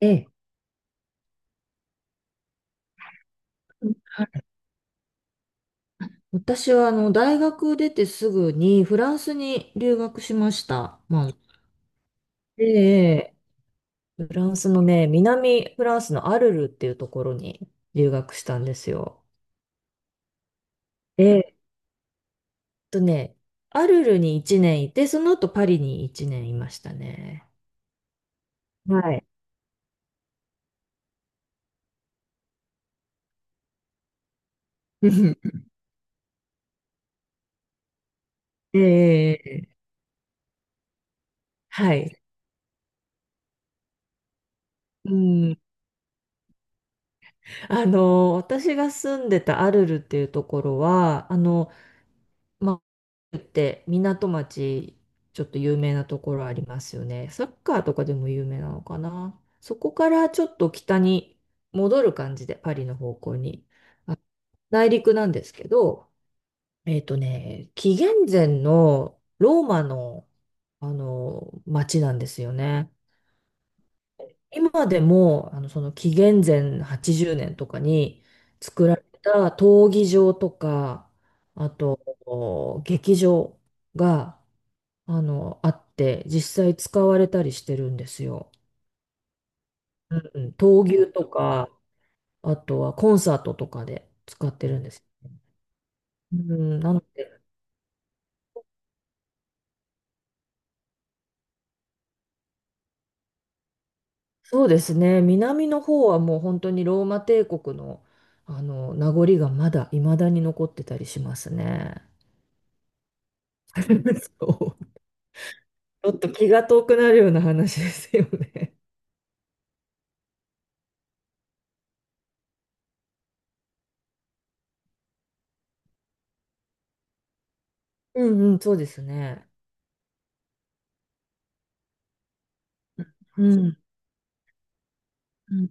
ええ、はい。私は大学出てすぐにフランスに留学しました。で、フランスのね、南フランスのアルルっていうところに留学したんですよ。ええ、っとね、アルルに1年いて、その後パリに1年いましたね。はい。ええ、はい。うん。私が住んでたアルルっていうところは、まって港町、ちょっと有名なところありますよね。サッカーとかでも有名なのかな。そこからちょっと北に戻る感じで、パリの方向に。あ内陸なんですけど、紀元前のローマの、町なんですよね。今でも、その紀元前80年とかに作られた闘技場とか、あと、お劇場が、あって、実際使われたりしてるんですよ。うんうん、闘牛とか、あとはコンサートとかで使ってるんです。うん、なので、そうですね、南の方はもう本当にローマ帝国の、名残がまだ未だに残ってたりしますね。そう、ちょっと気が遠くなるような話ですよね。うんうん、そうですね。うん。うん、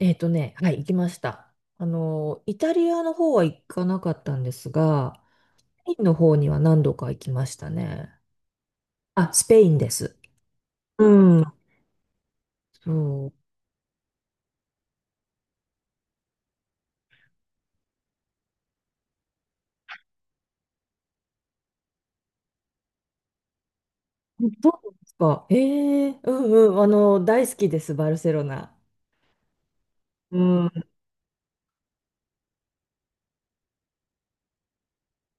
はい、行きました。イタリアの方は行かなかったんですが、スペインの方には何度か行きましたね。あ、スペインです。うん。そう。どうですか。ええ、うんうん。大好きです、バルセロナ。うん。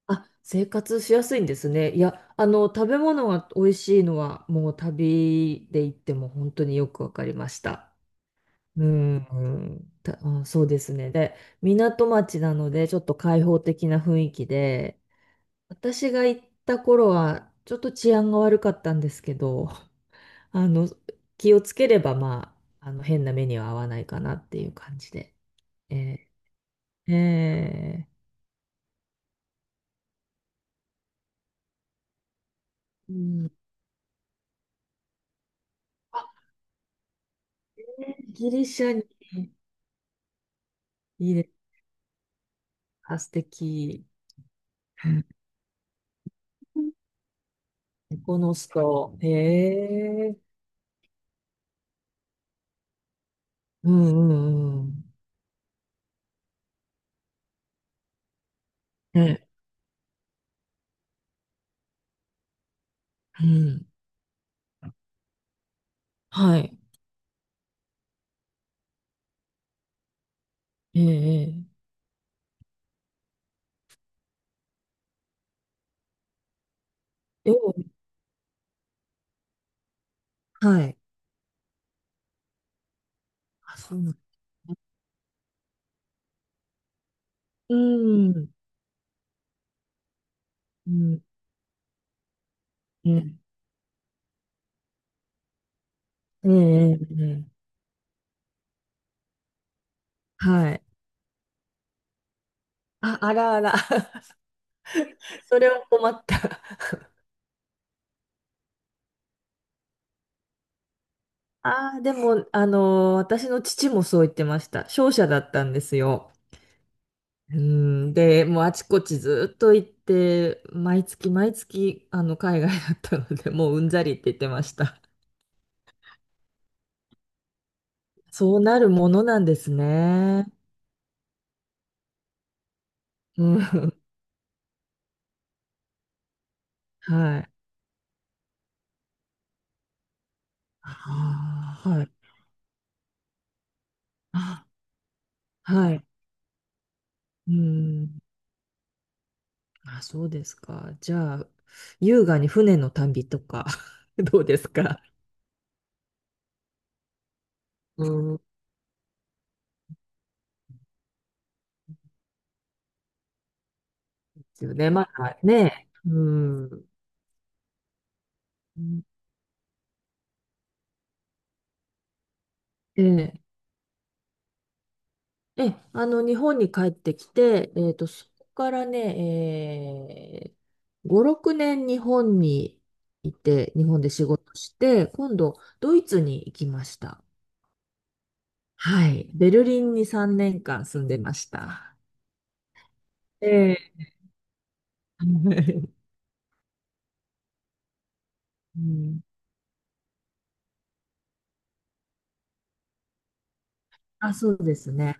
あ、生活しやすいんですね。いや、食べ物が美味しいのは、もう旅で行っても本当によくわかりました。あ、そうですね。で、港町なので、ちょっと開放的な雰囲気で、私が行った頃は、ちょっと治安が悪かったんですけど、あの、気をつければ、まあ、変な目には合わないかなっていう感じで。えー、えうん。あ、ねギリシャに、いいです。あ、素敵。エコこの人。へえ。うんうんうん。え、うん。はい。ええ。ええおうはい。あ、そうなんだ。うん。うん。ええ、ええ、ええはい。あ、あらあら。それは困った。ああ、でも、私の父もそう言ってました。商社だったんですよ。うん。で、もうあちこちずっと行って、毎月毎月、海外だったので、もううんざりって言ってました。そうなるものなんですね。うん。はい。ああ、はい。あ、はい。うん。あ、そうですか。じゃあ、優雅に船の旅とか どうですか。うん、ですよね。まあね。うん。ええ、ええ、日本に帰ってきて、そこからね、5、6年日本にいて、日本で仕事して、今度、ドイツに行きました。はい。ベルリンに3年間住んでました。ええ。うん、あ、そうですね。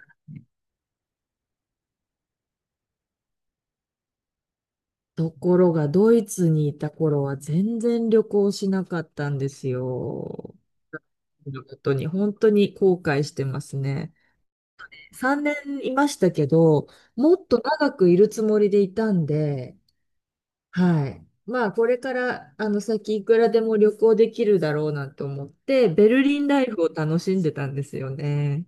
ところが、ドイツにいた頃は全然旅行しなかったんですよ。このことに、本当に後悔してますね。3年いましたけど、もっと長くいるつもりでいたんで、はい。まあ、これから、先いくらでも旅行できるだろうなと思って、ベルリンライフを楽しんでたんですよね。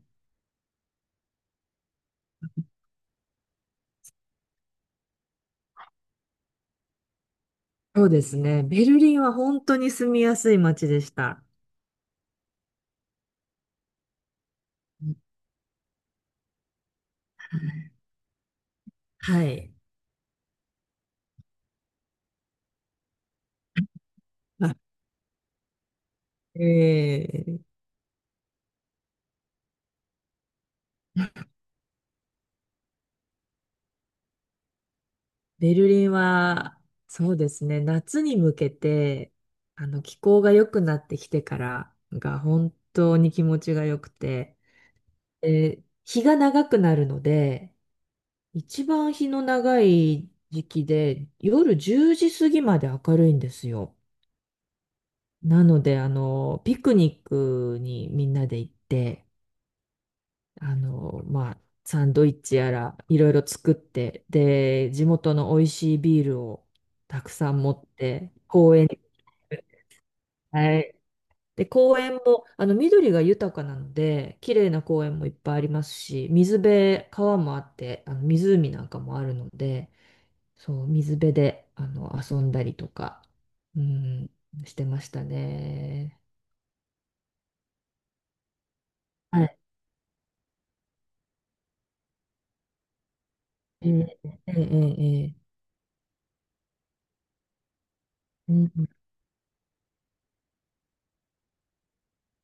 そうですね。ベルリンは本当に住みやすい街でした。はい。はい。まあ、ええ、ベルリンは、そうですね、夏に向けて、気候が良くなってきてからが本当に気持ちが良くて、で日が長くなるので、一番日の長い時期で、夜10時過ぎまで明るいんですよ。なので、ピクニックにみんなで行って、サンドイッチやらいろいろ作って、で、地元の美味しいビールをたくさん持って、公園に、はい。で、公園も、緑が豊かなので、綺麗な公園もいっぱいありますし、水辺、川もあって、湖なんかもあるので、そう、水辺で、遊んだりとか、うん、してましたね。はい。ええええええええ、うん、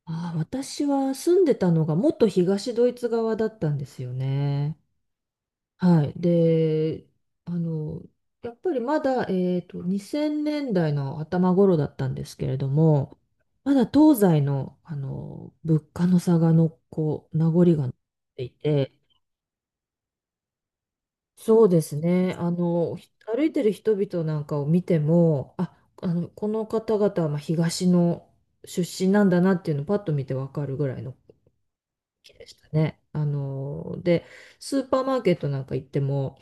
ああ、私は住んでたのがもっと東ドイツ側だったんですよね。はい。で、あの、やっぱりまだ、2000年代の頭頃だったんですけれども、まだ東西の、物価の差がのこう名残が残っていて、そうですね。歩いてる人々なんかを見ても、あ、この方々はまあ東の出身なんだなっていうのをパッと見てわかるぐらいの気でしたね。あのでスーパーマーケットなんか行っても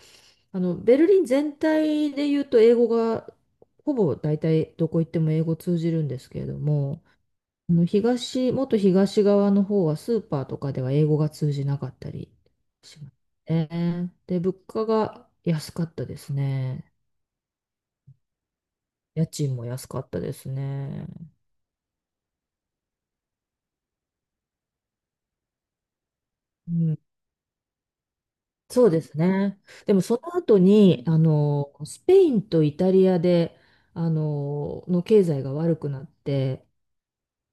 あのベルリン全体で言うと英語がほぼ大体どこ行っても英語通じるんですけれども、東、もっと東側の方はスーパーとかでは英語が通じなかったりしますね。で物価が安かったですね。家賃も安かったですね。うん、そうですね。でもその後に、スペインとイタリアで、経済が悪くなって、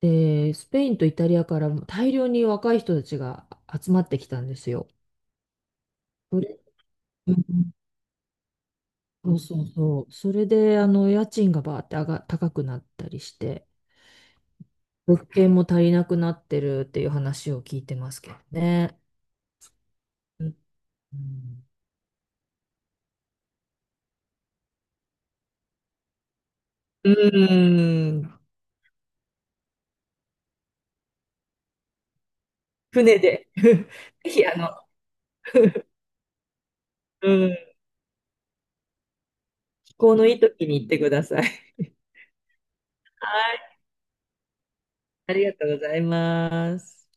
で、スペインとイタリアからも大量に若い人たちが集まってきたんですよ。それ、うん、そうそうそう。それで、家賃がバーって高くなったりして、物件も足りなくなってるっていう話を聞いてますけどね。うん、うん、うーん、船で。ぜひ、うん、行のいい時に行ってください。はい。ありがとうございます。